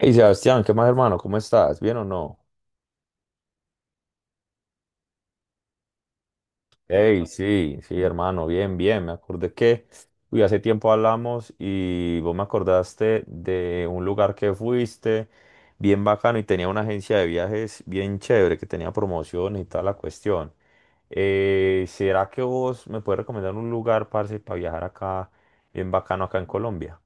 Hey Sebastián, ¿qué más, hermano? ¿Cómo estás? ¿Bien o no? Hey, sí, sí, hermano, bien, bien. Me acordé que uy, hace tiempo hablamos y vos me acordaste de un lugar que fuiste bien bacano y tenía una agencia de viajes bien chévere que tenía promociones y toda la cuestión. ¿Será que vos me puedes recomendar un lugar, parce, para viajar acá bien bacano, acá en Colombia?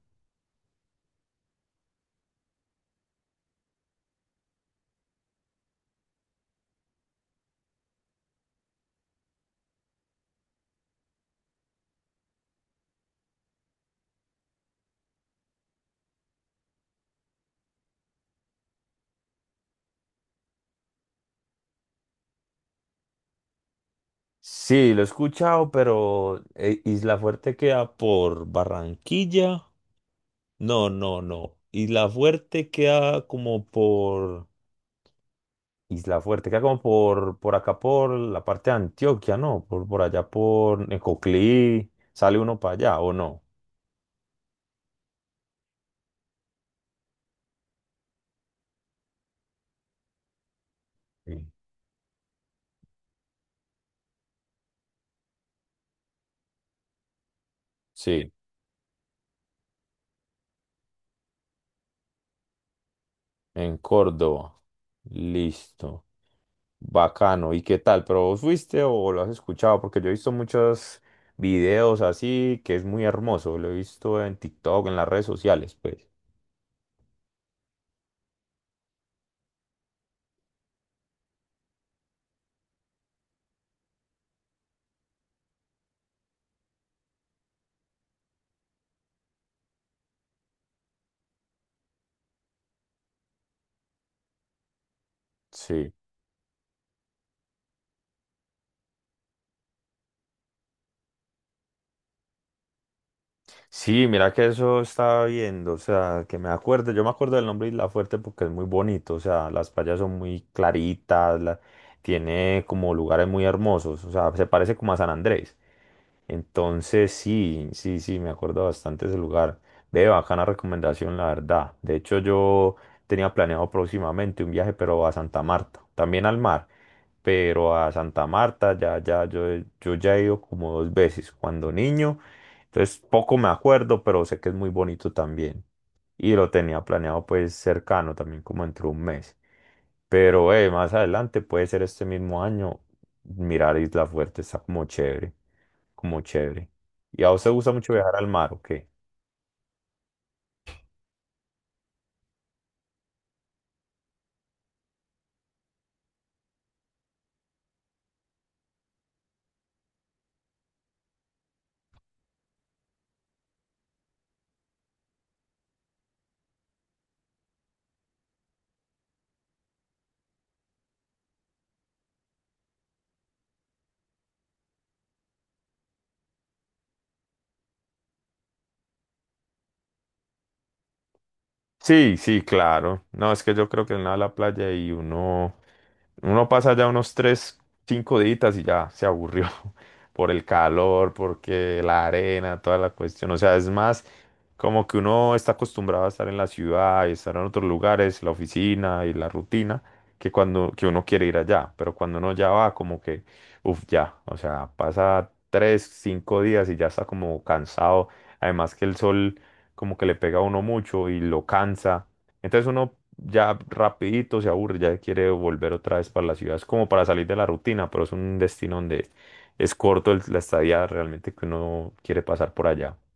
Sí, lo he escuchado, pero Isla Fuerte queda por Barranquilla. No, no, no. Isla Fuerte queda como por acá, por la parte de Antioquia, ¿no? Por allá, por Necoclí. ¿Sale uno para allá o no? Sí. Sí, en Córdoba. Listo. Bacano. ¿Y qué tal? ¿Pero vos fuiste o lo has escuchado? Porque yo he visto muchos videos así, que es muy hermoso. Lo he visto en TikTok, en las redes sociales, pues. Sí. Sí, mira que eso estaba viendo, o sea, que me acuerdo, yo me acuerdo del nombre Isla Fuerte porque es muy bonito, o sea, las playas son muy claritas, tiene como lugares muy hermosos, o sea, se parece como a San Andrés. Entonces, sí, sí, sí, me acuerdo bastante ese lugar. Ve, bacana recomendación, la verdad. De hecho, yo tenía planeado próximamente un viaje, pero a Santa Marta, también al mar, pero a Santa Marta yo ya he ido como dos veces cuando niño, entonces poco me acuerdo, pero sé que es muy bonito también. Y lo tenía planeado, pues, cercano también, como entre un mes. Pero más adelante, puede ser este mismo año, mirar Isla Fuerte está como chévere, como chévere. ¿Y a vos te gusta mucho viajar al mar o qué? Sí, sí, claro. No, es que yo creo que en la playa y uno pasa ya unos tres, cinco días y ya se aburrió por el calor, porque la arena, toda la cuestión. O sea, es más como que uno está acostumbrado a estar en la ciudad y estar en otros lugares, la oficina y la rutina, que cuando que uno quiere ir allá. Pero cuando uno ya va, como que, uff, ya. O sea, pasa tres, cinco días y ya está como cansado. Además que el sol como que le pega a uno mucho y lo cansa. Entonces uno ya rapidito se aburre, ya quiere volver otra vez para la ciudad. Es como para salir de la rutina, pero es un destino donde es corto la estadía realmente que uno quiere pasar por allá.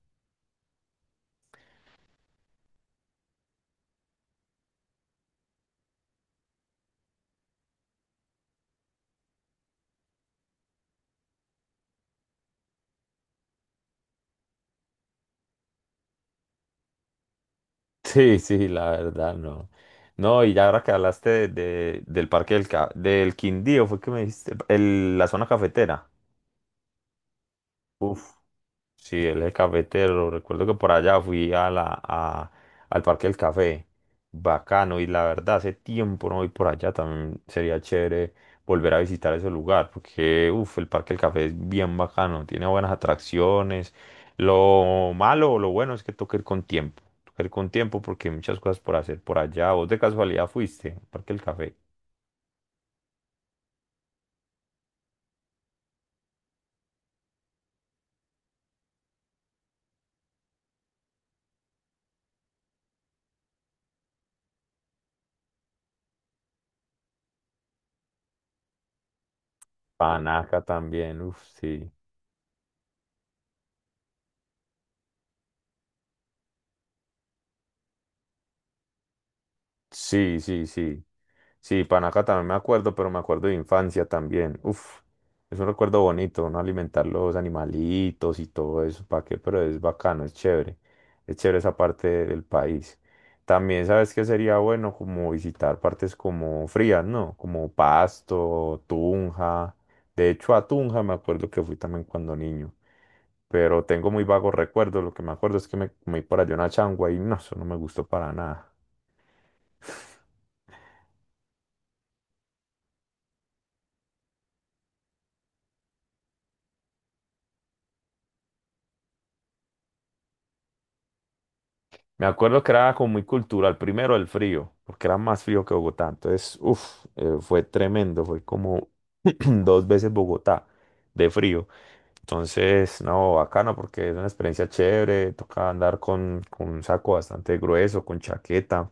Sí, sí, la verdad, no. No, y ya ahora que hablaste de- del parque del, Ca- del Quindío, fue que me dijiste, la zona cafetera. Sí, él es cafetero. Recuerdo que por allá fui al Parque del Café. Bacano. Y la verdad, hace tiempo no voy por allá. También sería chévere volver a visitar ese lugar. Porque, uff, el Parque del Café es bien bacano. Tiene buenas atracciones. Lo malo o lo bueno es que toca ir con tiempo. Toca ir con tiempo porque hay muchas cosas por hacer por allá. ¿Vos de casualidad fuiste al Parque del Café? Panaca también, uff, sí. Sí, sí, sí. Sí, Panaca también me acuerdo, pero me acuerdo de infancia también. Uf, es un recuerdo bonito, ¿no? Alimentar los animalitos y todo eso, ¿para qué? Pero es bacano, es chévere. Es chévere esa parte del país. También, ¿sabes qué sería bueno? Como visitar partes como frías, ¿no? Como Pasto, Tunja. De hecho, a Tunja me acuerdo que fui también cuando niño. Pero tengo muy vagos recuerdos. Lo que me acuerdo es que me comí por allá una changua y no, eso no me gustó para nada. Me acuerdo que era como muy cultural. Primero el frío, porque era más frío que Bogotá. Entonces, uff, fue tremendo. Fue como dos veces Bogotá de frío. Entonces, no, bacano porque es una experiencia chévere. Toca andar con un saco bastante grueso, con chaqueta.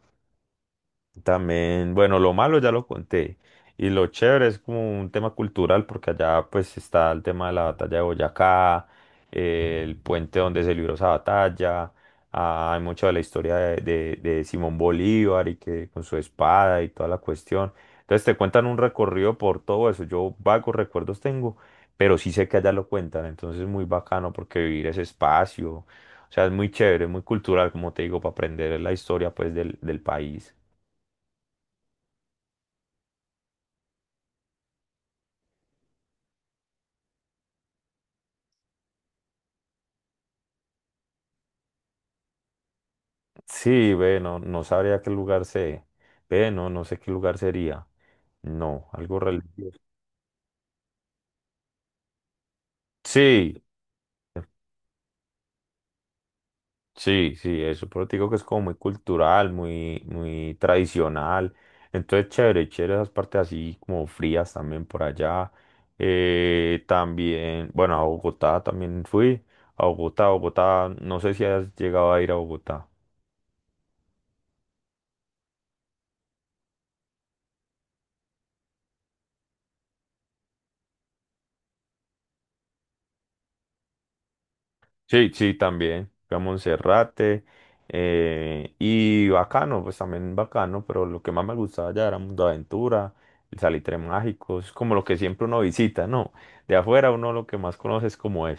También, bueno, lo malo ya lo conté. Y lo chévere es como un tema cultural, porque allá pues está el tema de la batalla de Boyacá, el puente donde se libró esa batalla, ah, hay mucho de la historia de Simón Bolívar y que con su espada y toda la cuestión. Entonces te cuentan un recorrido por todo eso. Yo vagos recuerdos tengo, pero sí sé que allá lo cuentan. Entonces es muy bacano porque vivir ese espacio, o sea, es muy chévere, muy cultural, como te digo, para aprender la historia, pues, del país. Sí, ve, no, no sabría qué lugar sé. Ve, no, no sé qué lugar sería. No, algo religioso. Sí, sí, sí, eso, pero te digo que es como muy cultural, muy, muy tradicional. Entonces, chévere, chévere esas partes así como frías también por allá. También, bueno, a Bogotá también fui. A Bogotá, Bogotá, no sé si has llegado a ir a Bogotá. Sí, sí, también. Fui a Monserrate, y bacano, pues también bacano, pero lo que más me gustaba ya era Mundo Aventura, el Salitre Mágico, es como lo que siempre uno visita, ¿no? De afuera uno lo que más conoce es como es.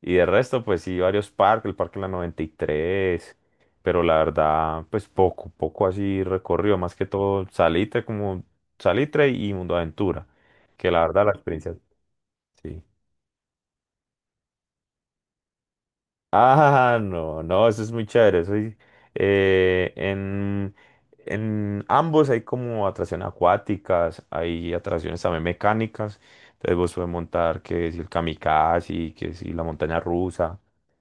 Y de resto, pues sí, varios parques, el Parque de la 93. Pero la verdad, pues, poco, poco así recorrido, más que todo Salitre, como Salitre y Mundo Aventura, que la verdad la experiencia, sí. Ah, no, no, eso es muy chévere. Eso es, eh, en, en ambos hay como atracciones acuáticas, hay atracciones también mecánicas. Entonces vos puedes montar que si el kamikaze, que si la montaña rusa,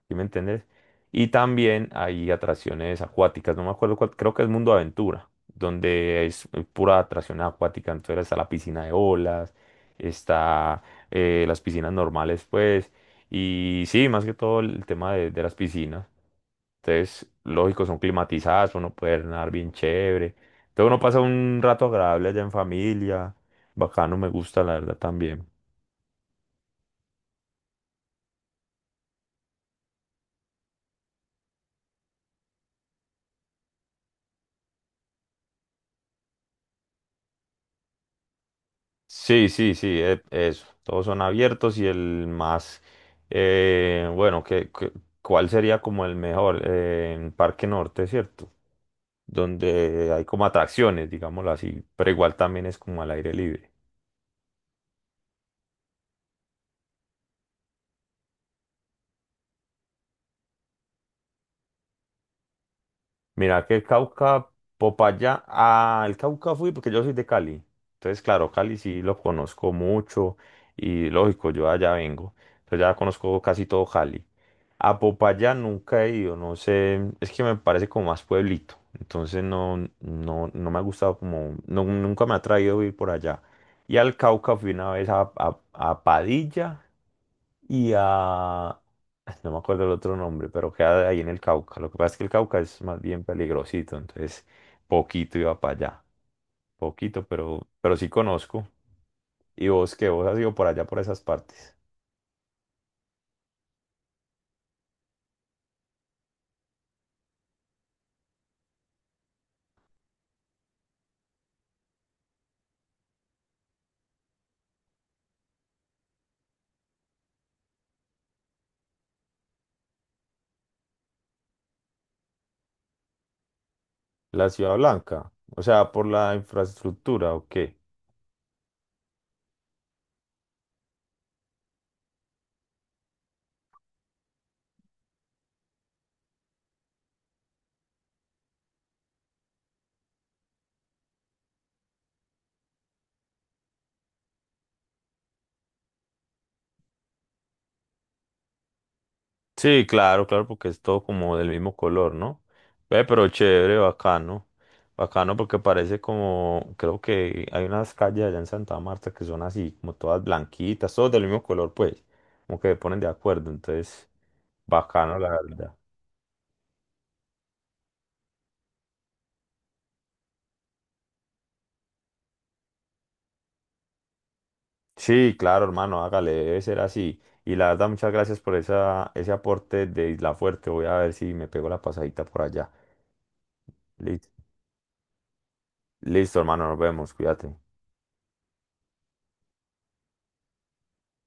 ¿sí me entiendes? Y también hay atracciones acuáticas, no me acuerdo cuál, creo que es Mundo Aventura, donde es pura atracción acuática. Entonces está la piscina de olas, está, las piscinas normales, pues. Y sí, más que todo el tema de las piscinas. Entonces, lógico, son climatizadas, uno puede nadar bien chévere. Entonces uno pasa un rato agradable allá en familia. Bacano, me gusta, la verdad, también. Sí, sí, sí, eso. Todos son abiertos y el más, bueno, ¿cuál sería como el mejor? ¿En Parque Norte, cierto? Donde hay como atracciones, digámoslo así, pero igual también es como al aire libre. Mira, que el Cauca, Popayán, ah, el Cauca fui porque yo soy de Cali. Entonces, claro, Cali sí lo conozco mucho y lógico, yo allá vengo. Entonces ya conozco casi todo Cali. A Popayán nunca he ido, no sé, es que me parece como más pueblito. Entonces no, no, no me ha gustado como, nunca me ha traído ir por allá. Y al Cauca fui una vez a Padilla y a... No me acuerdo el otro nombre, pero queda ahí en el Cauca. Lo que pasa es que el Cauca es más bien peligrosito, entonces poquito iba para allá. Poquito, pero sí conozco. ¿Y vos qué? ¿Vos has ido por allá, por esas partes? ¿La Ciudad Blanca? O sea, ¿por la infraestructura o qué? Sí, claro, claro, porque es todo como del mismo color, ¿no? Ve, pero chévere, bacano. Bacano porque parece como, creo que hay unas calles allá en Santa Marta que son así, como todas blanquitas, todas del mismo color, pues, como que se ponen de acuerdo, entonces, bacano, la verdad. Sí, claro, hermano, hágale, debe ser así. Y la verdad, muchas gracias por ese aporte de Isla Fuerte. Voy a ver si me pego la pasadita por allá. Listo, listo, hermano, nos vemos, cuídate.